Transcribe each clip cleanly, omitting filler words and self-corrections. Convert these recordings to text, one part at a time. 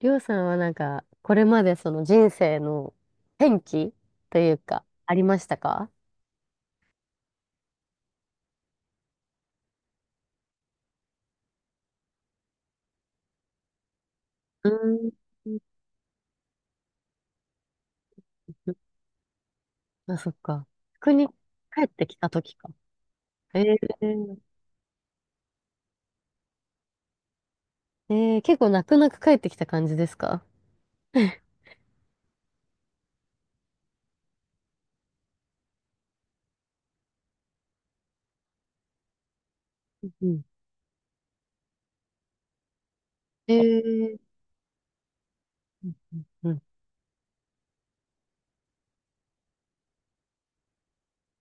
りょうさんはなんか、これまでその人生の転機というか、ありましたか？うーん。あ、そっか。国に帰ってきた時か。えー、結構泣く泣く帰ってきた感じですか？うん。えー、うん、うん、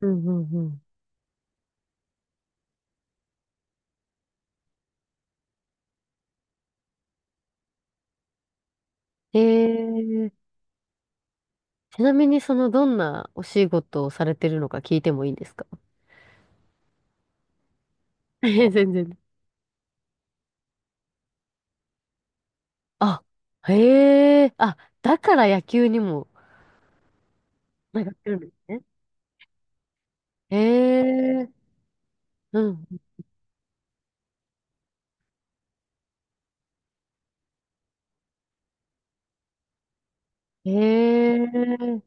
うん、うん。うんー、ちなみにそのどんなお仕事をされてるのか聞いてもいいですか？ えー、全然。あ、へえ、あ、だから野球にも繋がってるんですね。へえ、うん。ええー、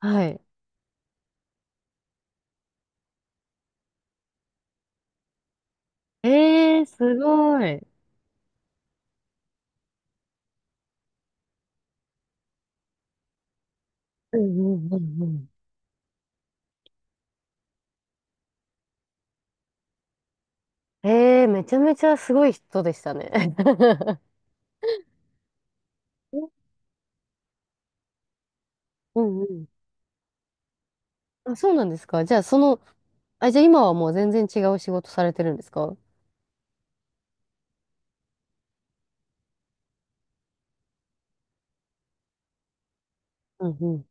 はい。ええ、すごい。うんうんうんうん。ええ、めちゃめちゃすごい人でしたね。うんうん。あ、そうなんですか。じゃあ、その、あ、じゃあ今はもう全然違う仕事されてるんですか？うんうん。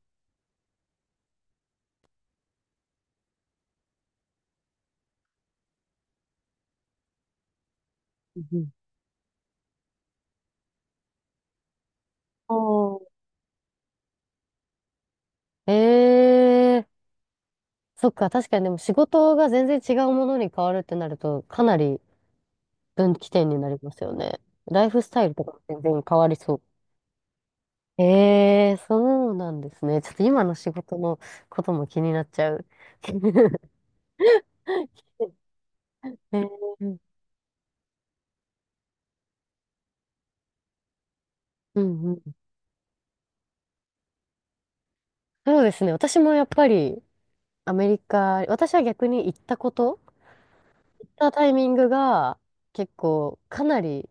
うんうん。あ、ええ、そっか、確かにでも仕事が全然違うものに変わるってなると、かなり分岐点になりますよね。ライフスタイルとかも全然変わりそう。ええ、そうなんですね。ちょっと今の仕事のことも気になっちゃう。ええ、うんうん、そうですね。私もやっぱりアメリカ、私は逆に行ったこと、行ったタイミングが結構かなり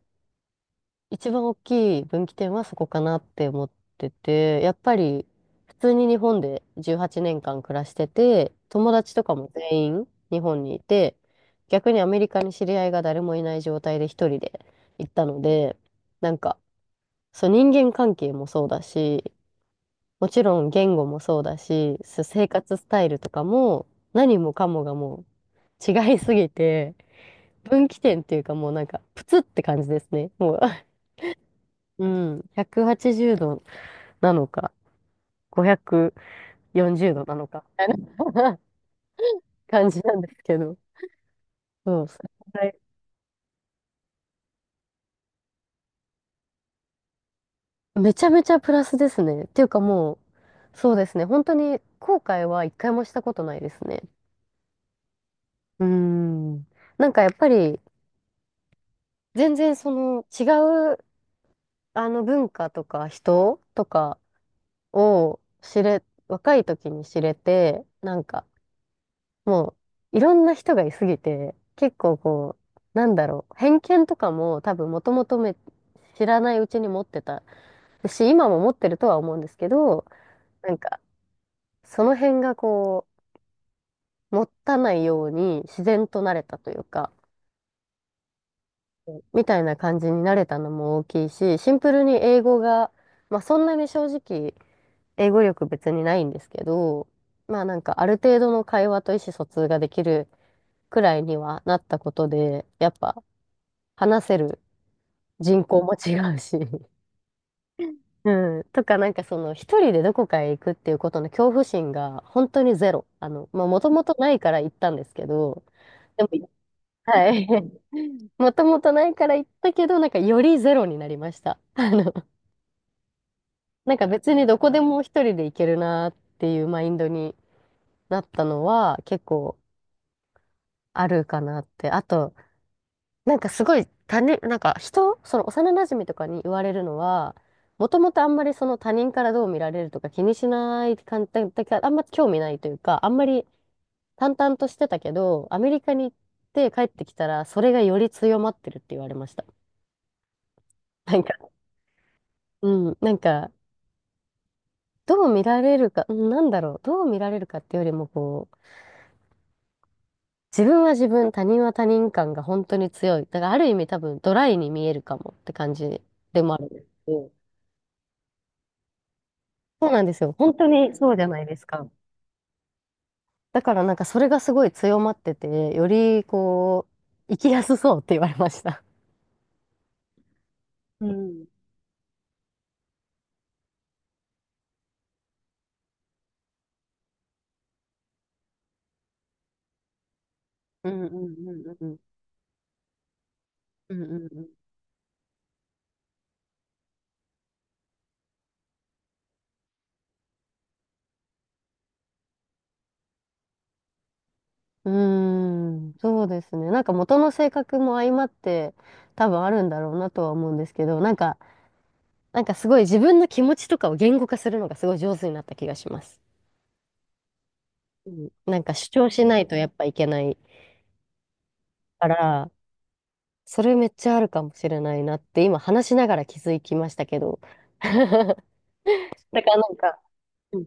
一番大きい分岐点はそこかなって思ってて、やっぱり普通に日本で18年間暮らしてて、友達とかも全員日本にいて、逆にアメリカに知り合いが誰もいない状態で一人で行ったので、なんか、そう人間関係もそうだし、もちろん言語もそうだし、そう生活スタイルとかも何もかもがもう違いすぎて、分岐点っていうかもうなんかプツって感じですね。もう うん、180度なのか、540度なのか、みたいな 感じなんですけど。そう、それぐらいめちゃめちゃプラスですね。っていうかもう、そうですね。本当に後悔は一回もしたことないですね。うーん。なんかやっぱり、全然その違う、あの文化とか人とかを知れ、若い時に知れて、なんか、もういろんな人がいすぎて、結構こう、なんだろう、偏見とかも多分もともとめ知らないうちに持ってたし、今も持ってるとは思うんですけど、なんか、その辺がこう、持たないように自然となれたというか、みたいな感じになれたのも大きいし、シンプルに英語が、まあそんなに正直、英語力別にないんですけど、まあなんかある程度の会話と意思疎通ができるくらいにはなったことで、やっぱ、話せる人口も違うし、うん、とかなんかその一人でどこかへ行くっていうことの恐怖心が本当にゼロ。あの、まあもともとないから行ったんですけど、でも、はい。もともとないから行ったけど、なんかよりゼロになりました。あの、なんか別にどこでも一人で行けるなっていうマインドになったのは結構あるかなって。あと、なんかすごい他人、なんか人、その幼馴染とかに言われるのは、もともとあんまりその他人からどう見られるとか気にしない感じだけどあんま興味ないというか、あんまり淡々としてたけど、アメリカに行って帰ってきたら、それがより強まってるって言われました。なんか、うん、なんか、どう見られるか、うん、なんだろう、どう見られるかっていうよりも、こう、自分は自分、他人は他人感が本当に強い。だからある意味多分ドライに見えるかもって感じでもあるんですけど、そうなんですよ。本当にそうじゃないですか。だからなんかそれがすごい強まってて、よりこう、生きやすそうって言われました。うん。うんうんうんうんうんうんうんうん。うーん、そうですね。なんか元の性格も相まって多分あるんだろうなとは思うんですけど、なんか、なんかすごい自分の気持ちとかを言語化するのがすごい上手になった気がします。うん、なんか主張しないとやっぱいけないから、それめっちゃあるかもしれないなって、今話しながら気づきましたけど。だからなんか、うん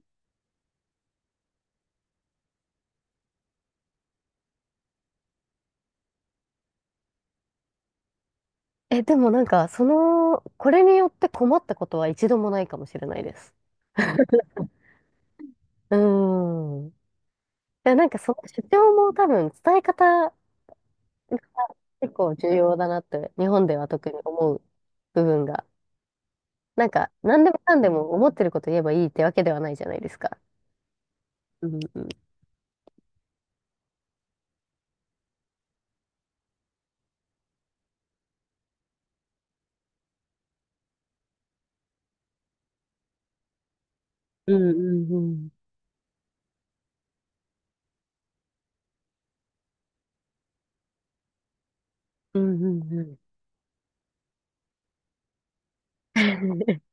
え、でもなんか、その、これによって困ったことは一度もないかもしれないです。うーん。で、なんかその主張も多分伝え方が結構重要だなって、日本では特に思う部分が。なんか、何でもかんでも思ってること言えばいいってわけではないじゃないですか。うんうん。うんうんうん。うんうんうん。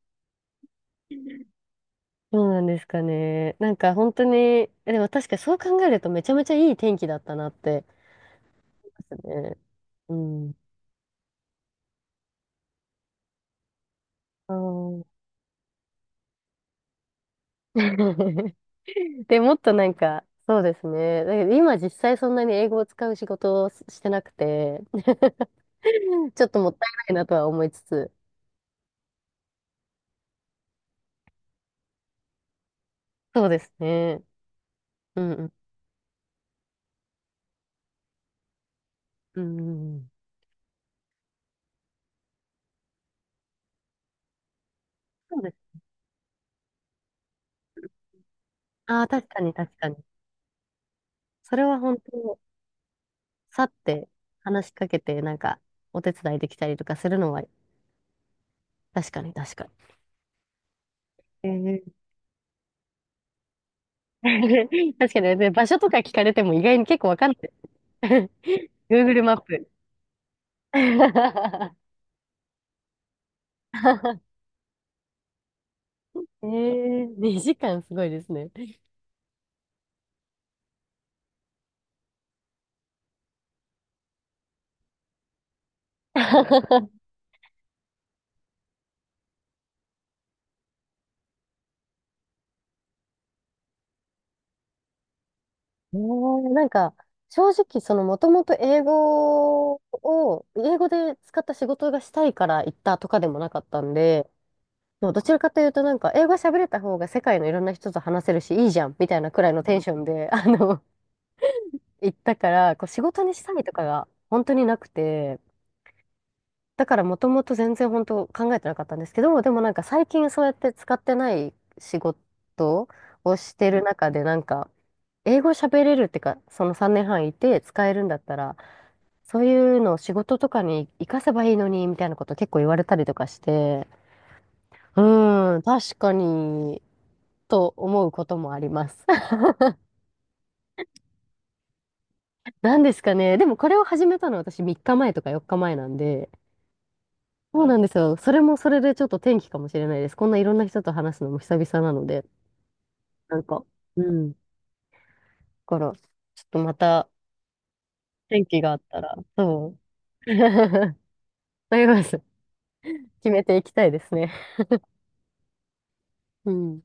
そうなんですかね。なんか本当に、でも確かにそう考えるとめちゃめちゃいい天気だったなって思いますね。うん。あー。 で、もっとなんか、そうですね。だけど今実際そんなに英語を使う仕事をしてなくて、ちょっともったいないなとは思いつつ。そうですね。うんうん。うんうんうん。そうです。ああ、確かに確かに。それは本当、去って話しかけて、なんか、お手伝いできたりとかするのは、確かに確かに。えー 確かに、で場所とか聞かれても意外に結構わかんない。Google マップ。ええ、2時間すごいですね。なんか、正直、その、もともと英語を、英語で使った仕事がしたいから行ったとかでもなかったんで、そうどちらかというと、なんか、英語喋れた方が世界のいろんな人と話せるし、いいじゃん、みたいなくらいのテンションで、あの、行ったから、こう、仕事にしたいとかが本当になくて、だからもともと全然本当考えてなかったんですけど、でもなんか最近そうやって使ってない仕事をしてる中でなんか、英語喋れるってか、その3年半いて使えるんだったら、そういうのを仕事とかに活かせばいいのに、みたいなこと結構言われたりとかして、うーん、確かに、と思うこともあります。なんですかね。でもこれを始めたのは私3日前とか4日前なんで、そうなんですよ。それもそれでちょっと転機かもしれないです。こんないろんな人と話すのも久々なので。なんか、うん。だから、ちょっとまた、天気があったら、そう。迷わず、決めていきたいですね。うん。